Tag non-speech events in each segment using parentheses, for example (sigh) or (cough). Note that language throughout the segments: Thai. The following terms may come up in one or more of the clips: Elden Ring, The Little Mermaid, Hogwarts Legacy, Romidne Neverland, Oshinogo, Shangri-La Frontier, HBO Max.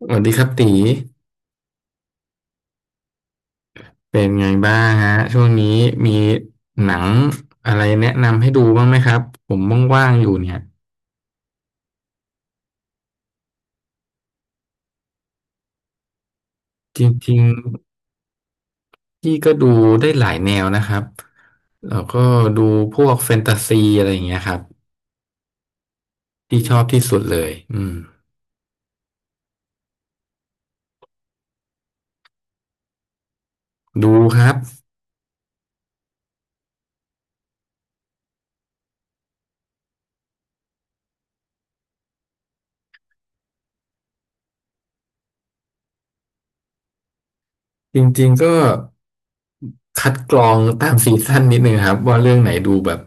สวัสดีครับตีเป็นไงบ้างฮะช่วงนี้มีหนังอะไรแนะนำให้ดูบ้างไหมครับผมว่างๆอยู่เนี่ยจริงๆพี่ก็ดูได้หลายแนวนะครับแล้วก็ดูพวกแฟนตาซีอะไรอย่างเงี้ยครับที่ชอบที่สุดเลยอืมดูครับจริงๆก็คัดกรองตามซีซั่นนิดนึงครับว่าเรื่องไหนดูแบบ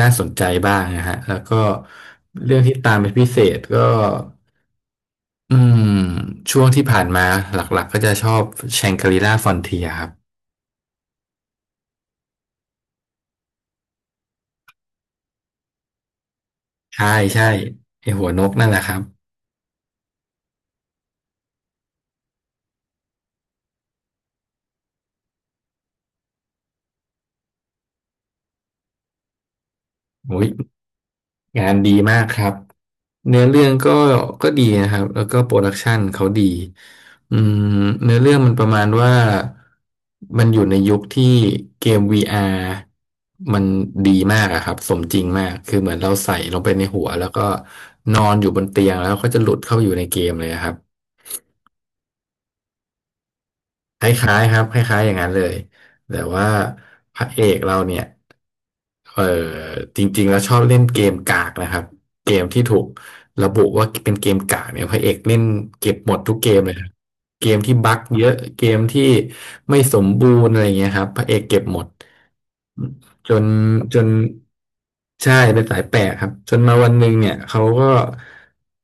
น่าสนใจบ้างนะฮะแล้วก็เรื่องที่ตามเป็นพิเศษก็ อืมช่วงที่ผ่านมาหลักๆก็จะชอบแชงกรีล่าฟอนเทียครับใช่ใช่ไอหัวนกนั่นแหละครับโอ้ยงานดีมากครับเนื้อเรื่องก็ก็ดีนะครับแล้วก็โปรดักชันเขาดีอืมเนื้อเรื่องมันประมาณว่ามันอยู่ในยุคที่เกม VR มันดีมากอะครับสมจริงมากคือเหมือนเราใส่ลงไปในหัวแล้วก็นอนอยู่บนเตียงแล้วก็จะหลุดเข้าไปอยู่ในเกมเลยอะครับ คล้ายๆครับคล้ายๆอย่างนั้นเลยแต่ว่าพระเอกเราเนี่ยเออจริงๆแล้วชอบเล่นเกมกากนะครับเกมที่ถูกระบุว่าเป็นเกมกากเนี่ยพระเอกเล่นเก็บหมดทุกเกมเลยครับเกมที่บั๊กเยอะเกมที่ไม่สมบูรณ์อะไรเงี้ยครับพระเอกเก็บหมด จนจนใช่เป็นสายแปลกครับจนมาวันหนึ่งเนี่ยเขาก็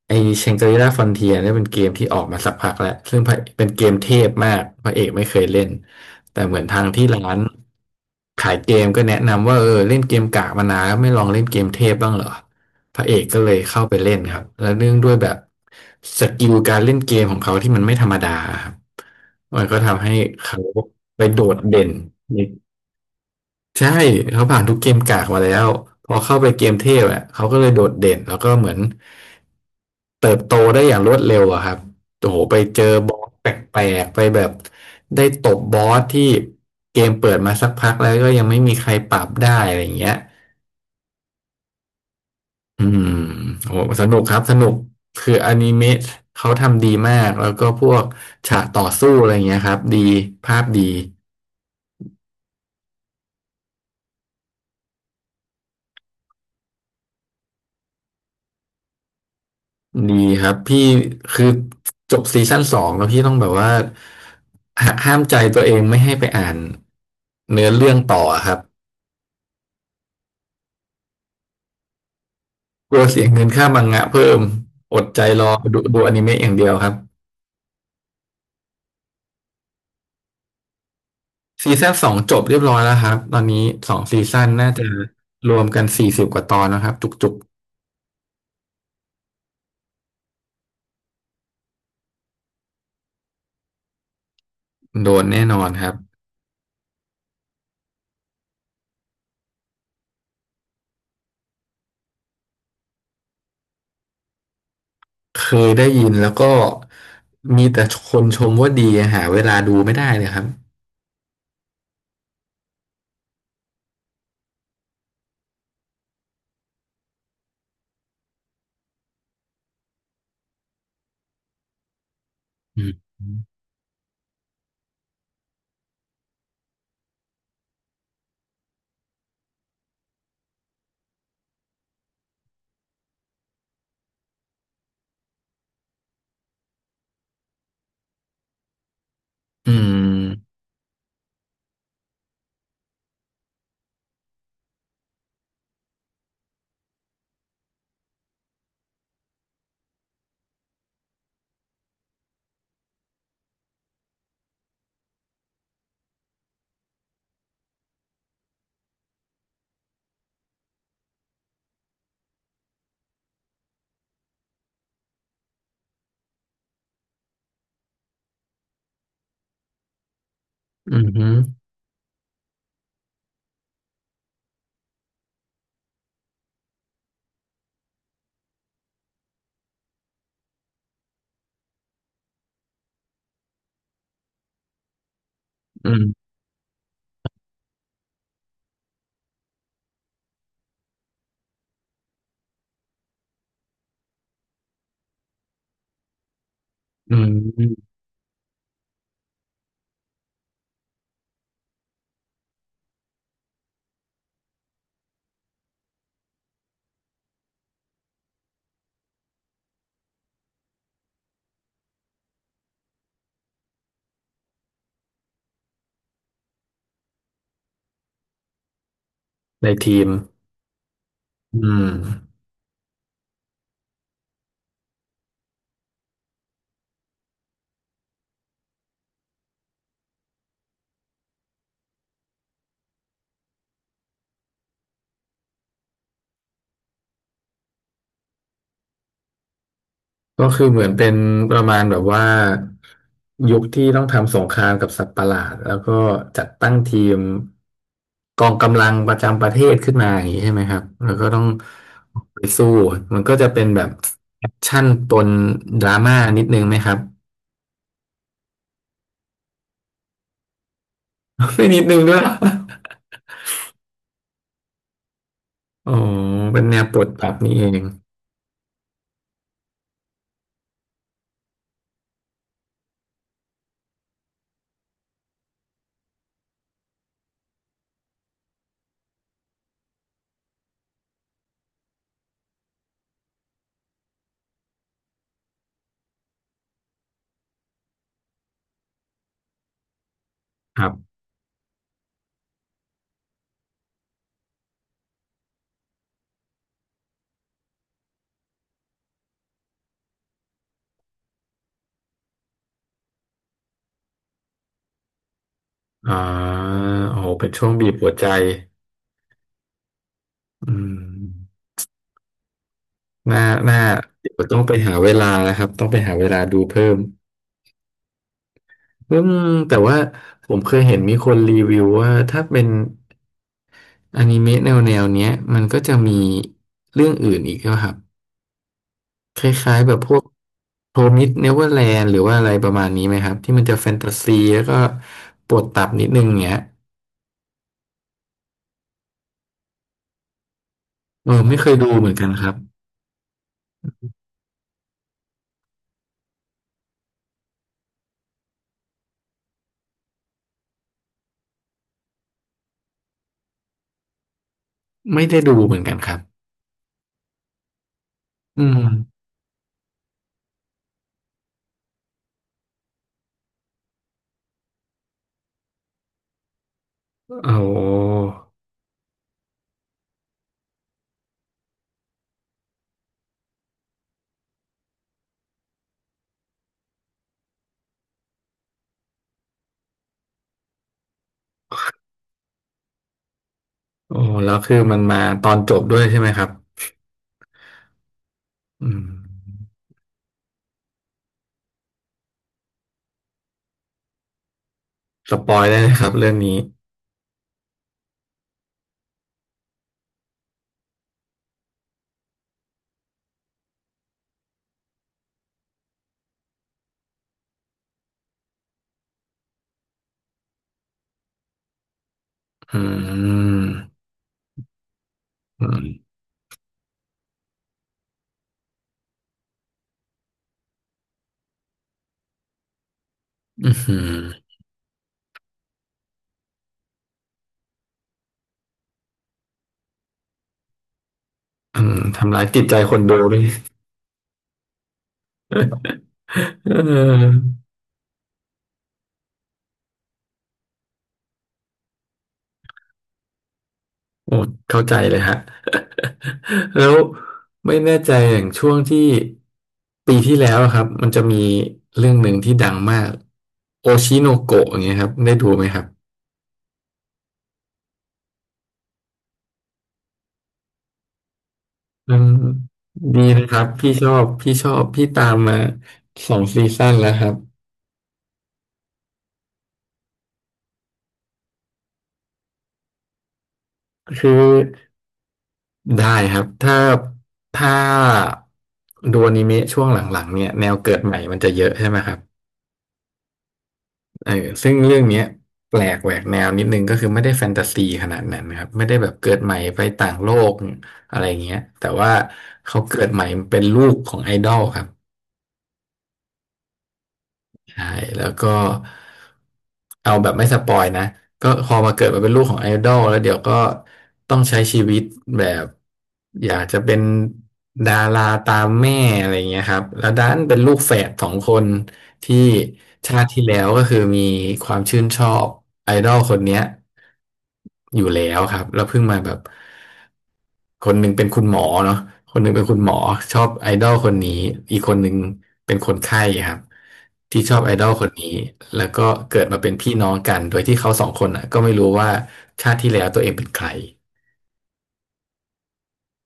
ไอเชงกรีล่าฟอนเทียเนี่ยเป็นเกมที่ออกมาสักพักแล้วซึ่งพระเป็นเกมเทพมากพระเอกไม่เคยเล่นแต่เหมือนทางที่ร้านขายเกมก็แนะนำว่าเออเล่นเกมกากมานานแล้วไม่ลองเล่นเกมเทพบ้างเหรอพระเอกก็เลยเข้าไปเล่นครับแล้วเนื่องด้วยแบบสกิลการเล่นเกมของเขาที่มันไม่ธรรมดาครับมันก็ทำให้เขาไปโดดเด่น ใช่เขาผ่านทุกเกมกากมาแล้วพอเข้าไปเกมเทพอ่ะเขาก็เลยโดดเด่นแล้วก็เหมือนเติบโตได้อย่างรวดเร็วอะครับโอ้โหไปเจอบอสแปลกๆไปแบบได้ตบบอสที่เกมเปิดมาสักพักแล้วก็ยังไม่มีใครปรับได้อะไรอย่างเงี้ยอืมโอ้โหสนุกครับสนุกคืออนิเมะเขาทำดีมากแล้วก็พวกฉากต่อสู้อะไรเงี้ยครับดีภาพดี ดีครับพี่คือจบซีซั่นสองแล้วพี่ต้องแบบว่าหาห้ามใจตัวเองไม่ให้ไปอ่านเนื้อเรื่องต่อครับกลัวเสียเงินค่ามังงะเพิ่มอดใจรอดูดูอนิเมะอย่างเดียวครับซีซั่นสองจบเรียบร้อยแล้วครับตอนนี้สองซีซั่นน่าจะรวมกัน40กว่าตอนนะครับจุกๆโดนแน่นอนครับเคยได้ยินแล้วก็มีแต่คนชมว่าดีหาเวลาดูไม่ได้เลยครับอืมอืมอืมอืม อืมในทีมอืมก็คือเหมือนเป็นประมาณแบบว่ายุคที่ต้องทำสงครามกับสัตว์ประหลาดแล้วก็จัดตั้งทีมกองกำลังประจำประเทศขึ้นมาอย่างนี้ใช่ไหมครับแล้วก็ต้องไปสู้มันก็จะเป็นแบบแอคชั่นปนดราม่านิดนึงไหมครับ (laughs) ไม่นิดนึงด้วย (laughs) อ๋อเป็นแนวปลดปรับนี่เองครับอ่าโอ้โหเป็นช่วงบีบหัวใจอืม น่าน่าเดี๋ยวต้องไปหาเวลานะครับ ต้องไปหาเวลาดูเพิ่มอืมแต่ว่าผมเคยเห็นมีคนรีวิวว่าถ้าเป็นอนิเมะแนวเนี้ยมันก็จะมีเรื่องอื่นอีกนะครับคล้ายๆแบบพวกโรมิดเนเวอร์แลนด์หรือว่าอะไรประมาณนี้ไหมครับที่มันจะแฟนตาซีแล้วก็ปวดตับนิดนึงเงี้ยเออไม่เคยดูเหมือนกันครับไม่ได้ดูเหมือนกันครับอืมโอ้โอ้แล้วคือมันมาตอนจบด้วยใช่ไหมครับอืม สปอยได้เลยครับเรื่องนี้อืมอืมอืมืออืมทำร้ายจิตใจคนดูด้วย (laughs) เออโอ้เข้าใจเลยฮะ (laughs) แล้วไม่แน่ใจอย่างช่วงที่ปีที่แล้วอะครับมันจะมีเรื่องหนึ่งที่ดังมากโอชิโนโกะอย่างเงี้ยครับได้ดูไหมครับอืมดีนะครับพี่ชอบพี่ชอบพี่ตามมาสองซีซั่นแล้วครับคือ ได้ครับถ้าดูอนิเมะช่วงหลังๆเนี่ยแนวเกิดใหม่มันจะเยอะใช่ไหมครับเออซึ่งเรื่องเนี้ยแปลกแหวกแนวนิดนึงก็คือไม่ได้แฟนตาซีขนาดนั้นนะครับไม่ได้แบบเกิดใหม่ไปต่างโลกอะไรเงี้ยแต่ว่าเขาเกิดใหม่เป็นลูกของไอดอลครับ ใช่แล้วก็เอาแบบไม่สปอยนะก็พอมาเกิดมาเป็นลูกของไอดอลแล้วเดี๋ยวก็ต้องใช้ชีวิตแบบอยากจะเป็นดาราตามแม่อะไรเงี้ยครับแล้วดันเป็นลูกแฝดสองคนที่ชาติที่แล้วก็คือมีความชื่นชอบไอดอลคนเนี้ยอยู่แล้วครับแล้วเพิ่งมาแบบ คนหนึ่งเป็นคุณหมอเนาะคนหนึ่งเป็นคุณหมอชอบไอดอลคนนี้อีกคนหนึ่งเป็นคนไข้ครับที่ชอบไอดอลคนนี้แล้วก็เกิดมาเป็นพี่น้องกันโดยที่เขาสองคนอ่ะก็ไม่รู้ว่าชาติที่แล้วตัวเองเป็นใคร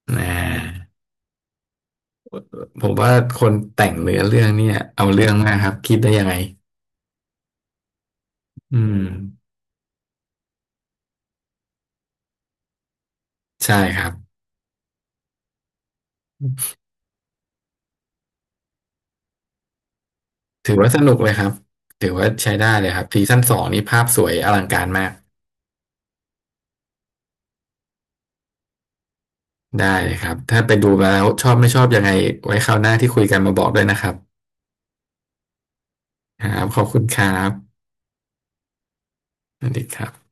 นะผมว่าคนแต่งเนื้อเรื่องเนี่ยเอาเรื่องมากครับคิดได้ยังไงอืมใช่ครับถือว่าสนุกเลยครับถือว่าใช้ได้เลยครับซีซั่นสองนี่ภาพสวยอลังการมาก ได้เลยครับถ้าไปดูมาแล้วชอบไม่ชอบยังไงไว้คราวหน้าที่คุยกันมาบอกด้วยนะครับครับขอบคุณครับสวัสดีครับ